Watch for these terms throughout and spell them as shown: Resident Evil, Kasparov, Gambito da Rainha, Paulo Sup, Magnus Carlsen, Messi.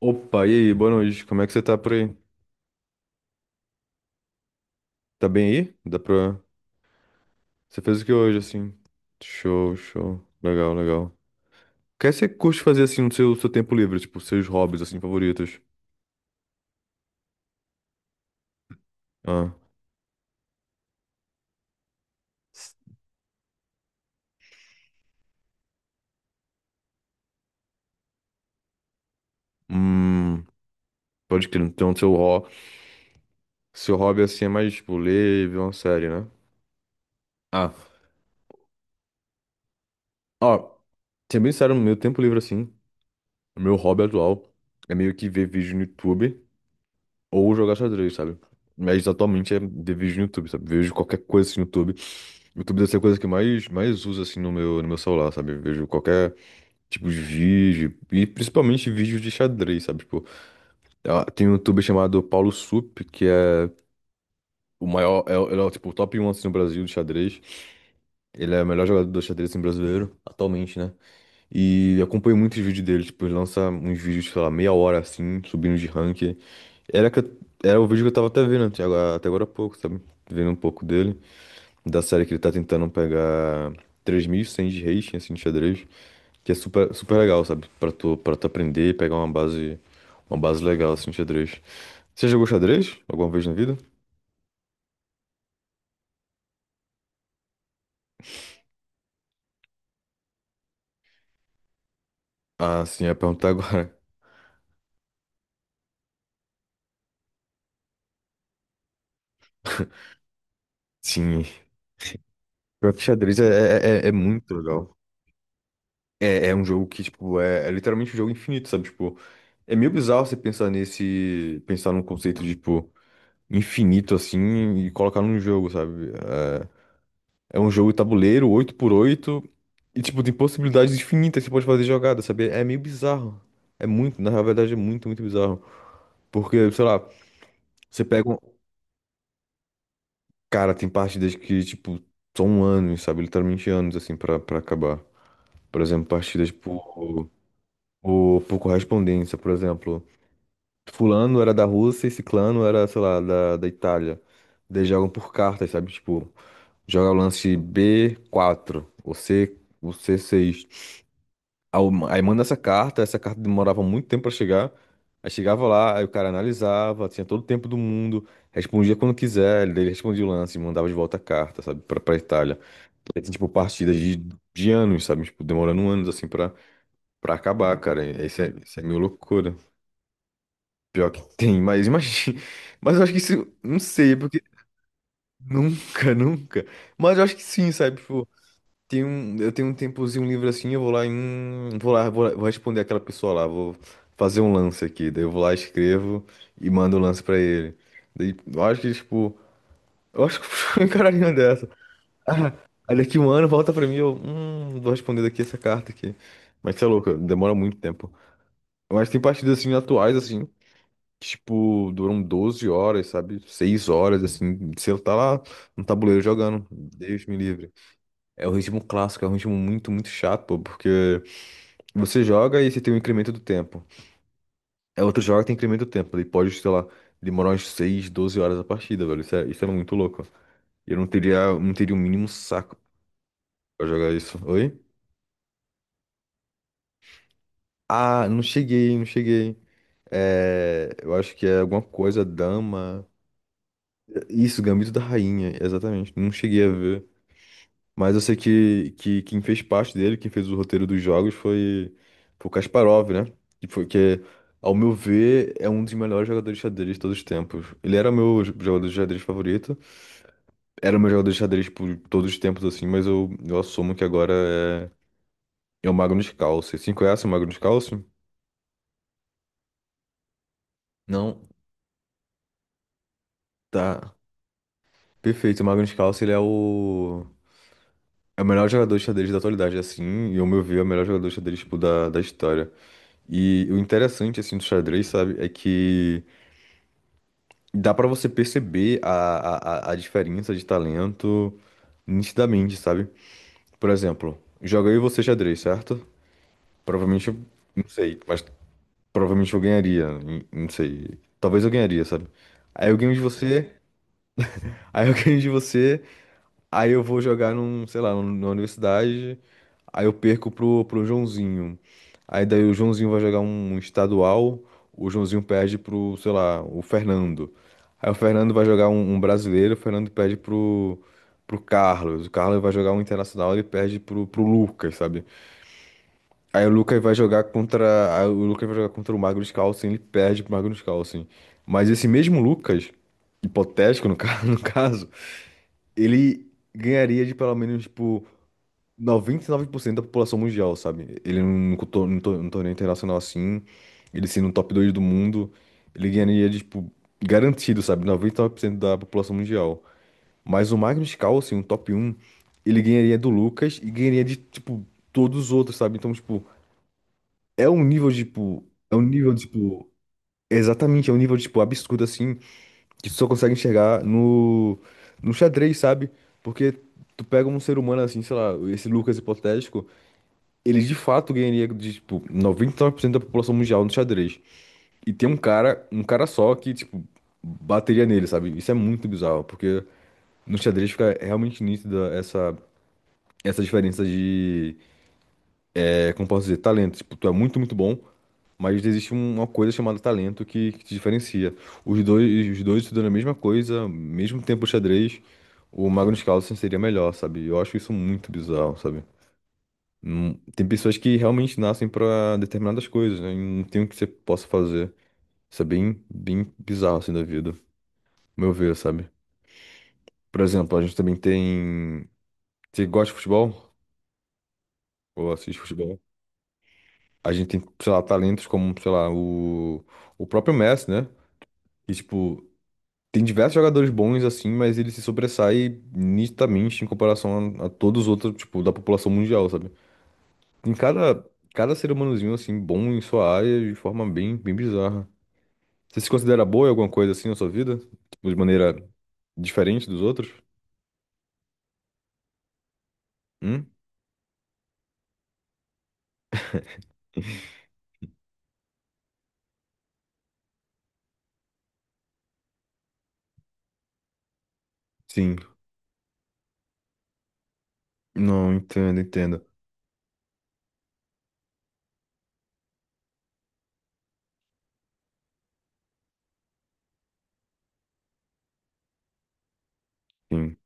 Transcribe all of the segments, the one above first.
Opa, e aí, boa noite. Como é que você tá por aí? Tá bem aí? Dá pra. Você fez o que hoje, assim? Show, show. Legal, legal. O que é que você curte fazer, assim, no seu tempo livre? Tipo, seus hobbies, assim, favoritos? Ah. Hum. Pode crer. Então, seu hobby, assim, é mais, tipo, ler e ver uma série, né? Ah. Ó, ser bem sério, no meu tempo livre, assim, o meu hobby atual é meio que ver vídeo no YouTube ou jogar xadrez, sabe? Mas atualmente é ver vídeo no YouTube, sabe? Vejo qualquer coisa assim, no YouTube. O YouTube deve ser a coisa que eu mais uso assim no meu celular, sabe? Eu vejo qualquer tipo de vídeo, e principalmente vídeos de xadrez, sabe? Tipo, ah, tem um youtuber chamado Paulo Sup, que é o maior, ele é o, tipo, o top um assim, no Brasil de xadrez. Ele é o melhor jogador do xadrez assim, brasileiro, atualmente, né? E eu acompanho muitos vídeos dele, tipo, ele lança uns vídeos, sei lá, meia hora assim, subindo de ranking. Era, que eu- era o vídeo que eu tava até vendo até agora há pouco, sabe? Vendo um pouco dele, da série que ele tá tentando pegar 3.100 de rating, assim, de xadrez, que é super, super legal, sabe? Pra tu aprender e pegar uma base legal, assim, de xadrez. Você jogou xadrez alguma vez na vida? Ah, sim, eu ia perguntar agora. Sim. Pior que xadrez é muito legal. É um jogo que, tipo, é literalmente um jogo infinito, sabe? Tipo, é meio bizarro você pensar num conceito de, tipo, infinito, assim, e colocar num jogo, sabe? É um jogo tabuleiro, oito por oito e tipo, tem possibilidades infinitas que você pode fazer jogada, sabe? É meio bizarro. Na verdade é muito, muito bizarro. Porque, sei lá, você pega um. Cara, tem partidas que, tipo, são anos, sabe? Literalmente anos, assim, pra acabar. Por exemplo, partidas por correspondência, por exemplo. Fulano era da Rússia e Ciclano era, sei lá, da Itália. Eles jogam por cartas, sabe? Tipo, joga o lance B4, ou C6. Aí manda essa carta. Essa carta demorava muito tempo pra chegar. Aí chegava lá, aí o cara analisava, tinha todo o tempo do mundo, respondia quando quiser, ele respondia o lance, mandava de volta a carta, sabe, pra Itália. Aí tem, tipo, partidas de anos, sabe, tipo, demorando anos, assim, pra acabar, cara. E isso é meio loucura. Pior que tem, mas imagina. Mas eu acho que isso, não sei, é porque nunca, nunca. Mas eu acho que sim, sabe, tipo, eu tenho um tempozinho livre assim, eu vou lá em. Um, vou responder aquela pessoa lá, vou fazer um lance aqui. Daí eu vou lá, escrevo e mando o lance pra ele. Daí eu acho que, tipo, eu acho que foi um caralhinho dessa. Ah, aí daqui um ano volta pra mim, eu. Vou responder daqui essa carta aqui. Mas você é louco, demora muito tempo. Mas tem partidas assim atuais, assim, que, tipo, duram 12 horas, sabe? 6 horas, assim. Você tá lá no tabuleiro jogando. Deus me livre. É o ritmo clássico, é um ritmo muito, muito chato, pô, porque você joga e você tem um incremento do tempo. É outro joga e tem incremento do tempo. Ele pode, sei lá, demorar umas 6, 12 horas a partida, velho. Isso é muito louco. Eu não teria, não teria o mínimo saco pra jogar isso. Oi? Ah, não cheguei, não cheguei. É, eu acho que é alguma coisa, dama. Isso, Gambito da Rainha, exatamente. Não cheguei a ver. Mas eu sei que, quem fez parte dele, quem fez o roteiro dos jogos foi o Kasparov, né? Que foi que, ao meu ver, é um dos melhores jogadores de xadrez de todos os tempos. Ele era o meu jogador de xadrez favorito. Era o meu jogador de xadrez por todos os tempos, assim, mas eu assumo que agora é o Magnus Carlsen. Você conhece o Magnus Carlsen? Não. Tá. Perfeito. O Magnus Carlsen, ele é o... É o melhor jogador de xadrez da atualidade, assim, e ao meu ver, é o melhor jogador de xadrez, tipo, da história. E o interessante, assim, do xadrez, sabe, é que dá pra você perceber a diferença de talento nitidamente, sabe? Por exemplo, joga eu e você xadrez, certo? Provavelmente, eu não sei, mas provavelmente eu ganharia, não sei. Talvez eu ganharia, sabe? Aí eu ganho de você, aí eu ganho de você. Aí eu vou jogar num, sei lá, na universidade. Aí eu perco pro Joãozinho. Aí daí o Joãozinho vai jogar um estadual. O Joãozinho perde pro, sei lá, o Fernando. Aí o Fernando vai jogar um brasileiro. O Fernando perde pro Carlos. O Carlos vai jogar um internacional. Ele perde pro Lucas, sabe? Aí o Lucas vai jogar contra o Magnus Carlsen. Ele perde pro Magnus Carlsen. Mas esse mesmo Lucas, hipotético no caso, ele ganharia de pelo menos, tipo 99% da população mundial, sabe? Ele num torneio internacional assim, ele sendo o top 2 do mundo, ele ganharia, de, tipo, garantido, sabe? 99% da população mundial. Mas o Magnus Carlsen, o top um, ele ganharia do Lucas e ganharia de, tipo, todos os outros, sabe? Então, tipo, é um nível, tipo, é um nível, tipo, exatamente, é um nível, tipo, absurdo assim, que tu só consegue enxergar no, xadrez, sabe? Porque tu pega um ser humano assim, sei lá, esse Lucas hipotético. Ele de fato ganharia de, tipo, 99% da população mundial no xadrez. E tem um cara só que, tipo, bateria nele, sabe? Isso é muito bizarro, porque no xadrez fica realmente nítida essa diferença de, como posso dizer, talento. Tipo, tu é muito, muito bom, mas existe uma coisa chamada talento que te diferencia. Os dois estudando a mesma coisa, mesmo tempo de xadrez, o Magnus Carlsen seria melhor, sabe? Eu acho isso muito bizarro, sabe? Tem pessoas que realmente nascem pra determinadas coisas, né? E não tem o que você possa fazer. Isso é bem, bem bizarro assim da vida, ao meu ver, sabe? Por exemplo, a gente também tem. Você gosta de futebol? Ou assiste futebol? A gente tem, sei lá, talentos como, sei lá, o, próprio Messi, né? Que, tipo, tem diversos jogadores bons assim, mas ele se sobressai nitidamente em comparação a todos os outros, tipo, da população mundial, sabe? Tem cada ser humanozinho, assim, bom em sua área de forma bem, bem bizarra. Você se considera boa em alguma coisa assim na sua vida? Tipo, de maneira diferente dos outros? Hum? Sim. Não, entendo, entendo. Sim.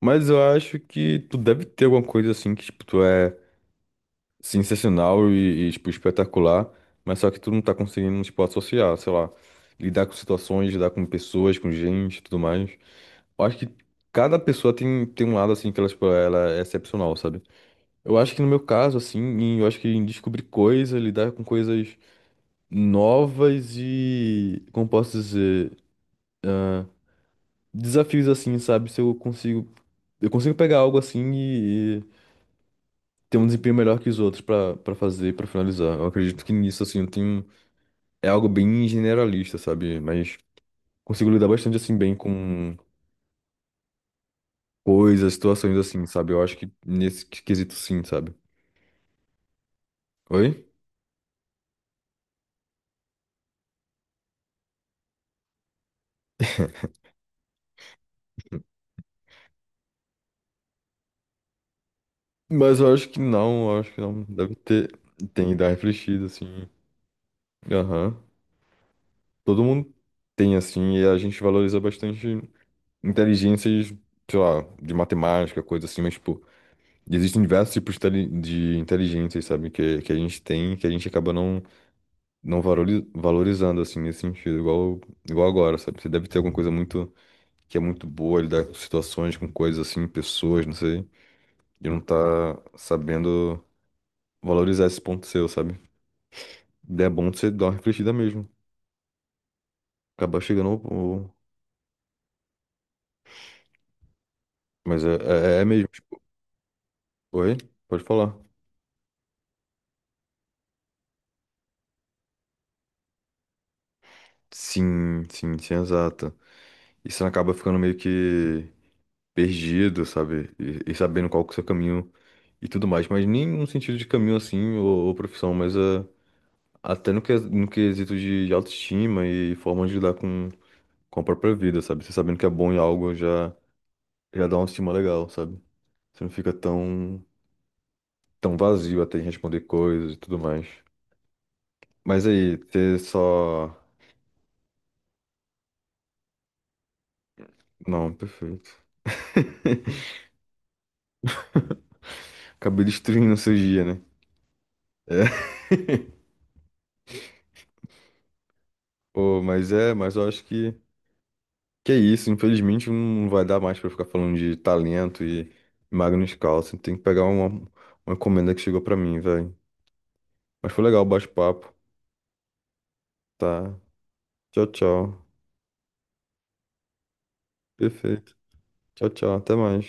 Mas eu acho que tu deve ter alguma coisa assim que, tipo, tu é sensacional e, tipo, espetacular, mas só que tu não tá conseguindo, tipo, associar, sei lá, lidar com situações, lidar com pessoas, com gente e tudo mais. Eu acho que cada pessoa tem um lado, assim, que ela, tipo, ela é excepcional, sabe? Eu acho que no meu caso, assim, eu acho que em descobrir coisas, lidar com coisas novas e, como posso dizer, desafios assim, sabe? Se eu consigo, eu consigo pegar algo assim e ter um desempenho melhor que os outros pra para fazer, pra finalizar. Eu acredito que nisso assim, eu tenho é algo bem generalista, sabe? Mas consigo lidar bastante assim bem com coisas, situações assim, sabe? Eu acho que nesse quesito sim, sabe? Oi? Mas eu acho que não, eu acho que não deve ter tem que dar refletida assim. Aham. Todo mundo tem assim e a gente valoriza bastante inteligências, sei lá, de matemática, coisa assim, mas, tipo, existem diversos tipos de de inteligências, sabe, que, a gente tem, que a gente acaba não valorizando, assim, nesse sentido, igual agora, sabe? Você deve ter alguma coisa que é muito boa, lidar com situações, com coisas assim, pessoas, não sei, e não tá sabendo valorizar esse ponto seu, sabe? Daí é bom você dar uma refletida mesmo, acabar chegando ao... ao- Mas é mesmo. Oi? Pode falar. Sim, sim, sim, exato. E você acaba ficando meio que perdido, sabe? E sabendo qual que é o seu caminho e tudo mais. Mas nem no sentido de caminho assim ou profissão, mas é, até no quesito de, autoestima e forma de lidar com a própria vida, sabe? Você sabendo que é bom em algo já dá uma estima legal, sabe? Você não fica tão, vazio até em responder coisas e tudo mais. Mas aí, ter só. Não, perfeito. Acabei destruindo o seu dia, né? É. Pô, mas eu acho que. Que é isso, infelizmente não vai dar mais pra ficar falando de talento e Magnus Carlsen. Tem que pegar uma encomenda que chegou pra mim, velho. Mas foi legal o bate-papo, tá? Tchau, tchau. Perfeito. Tchau, tchau. Até mais.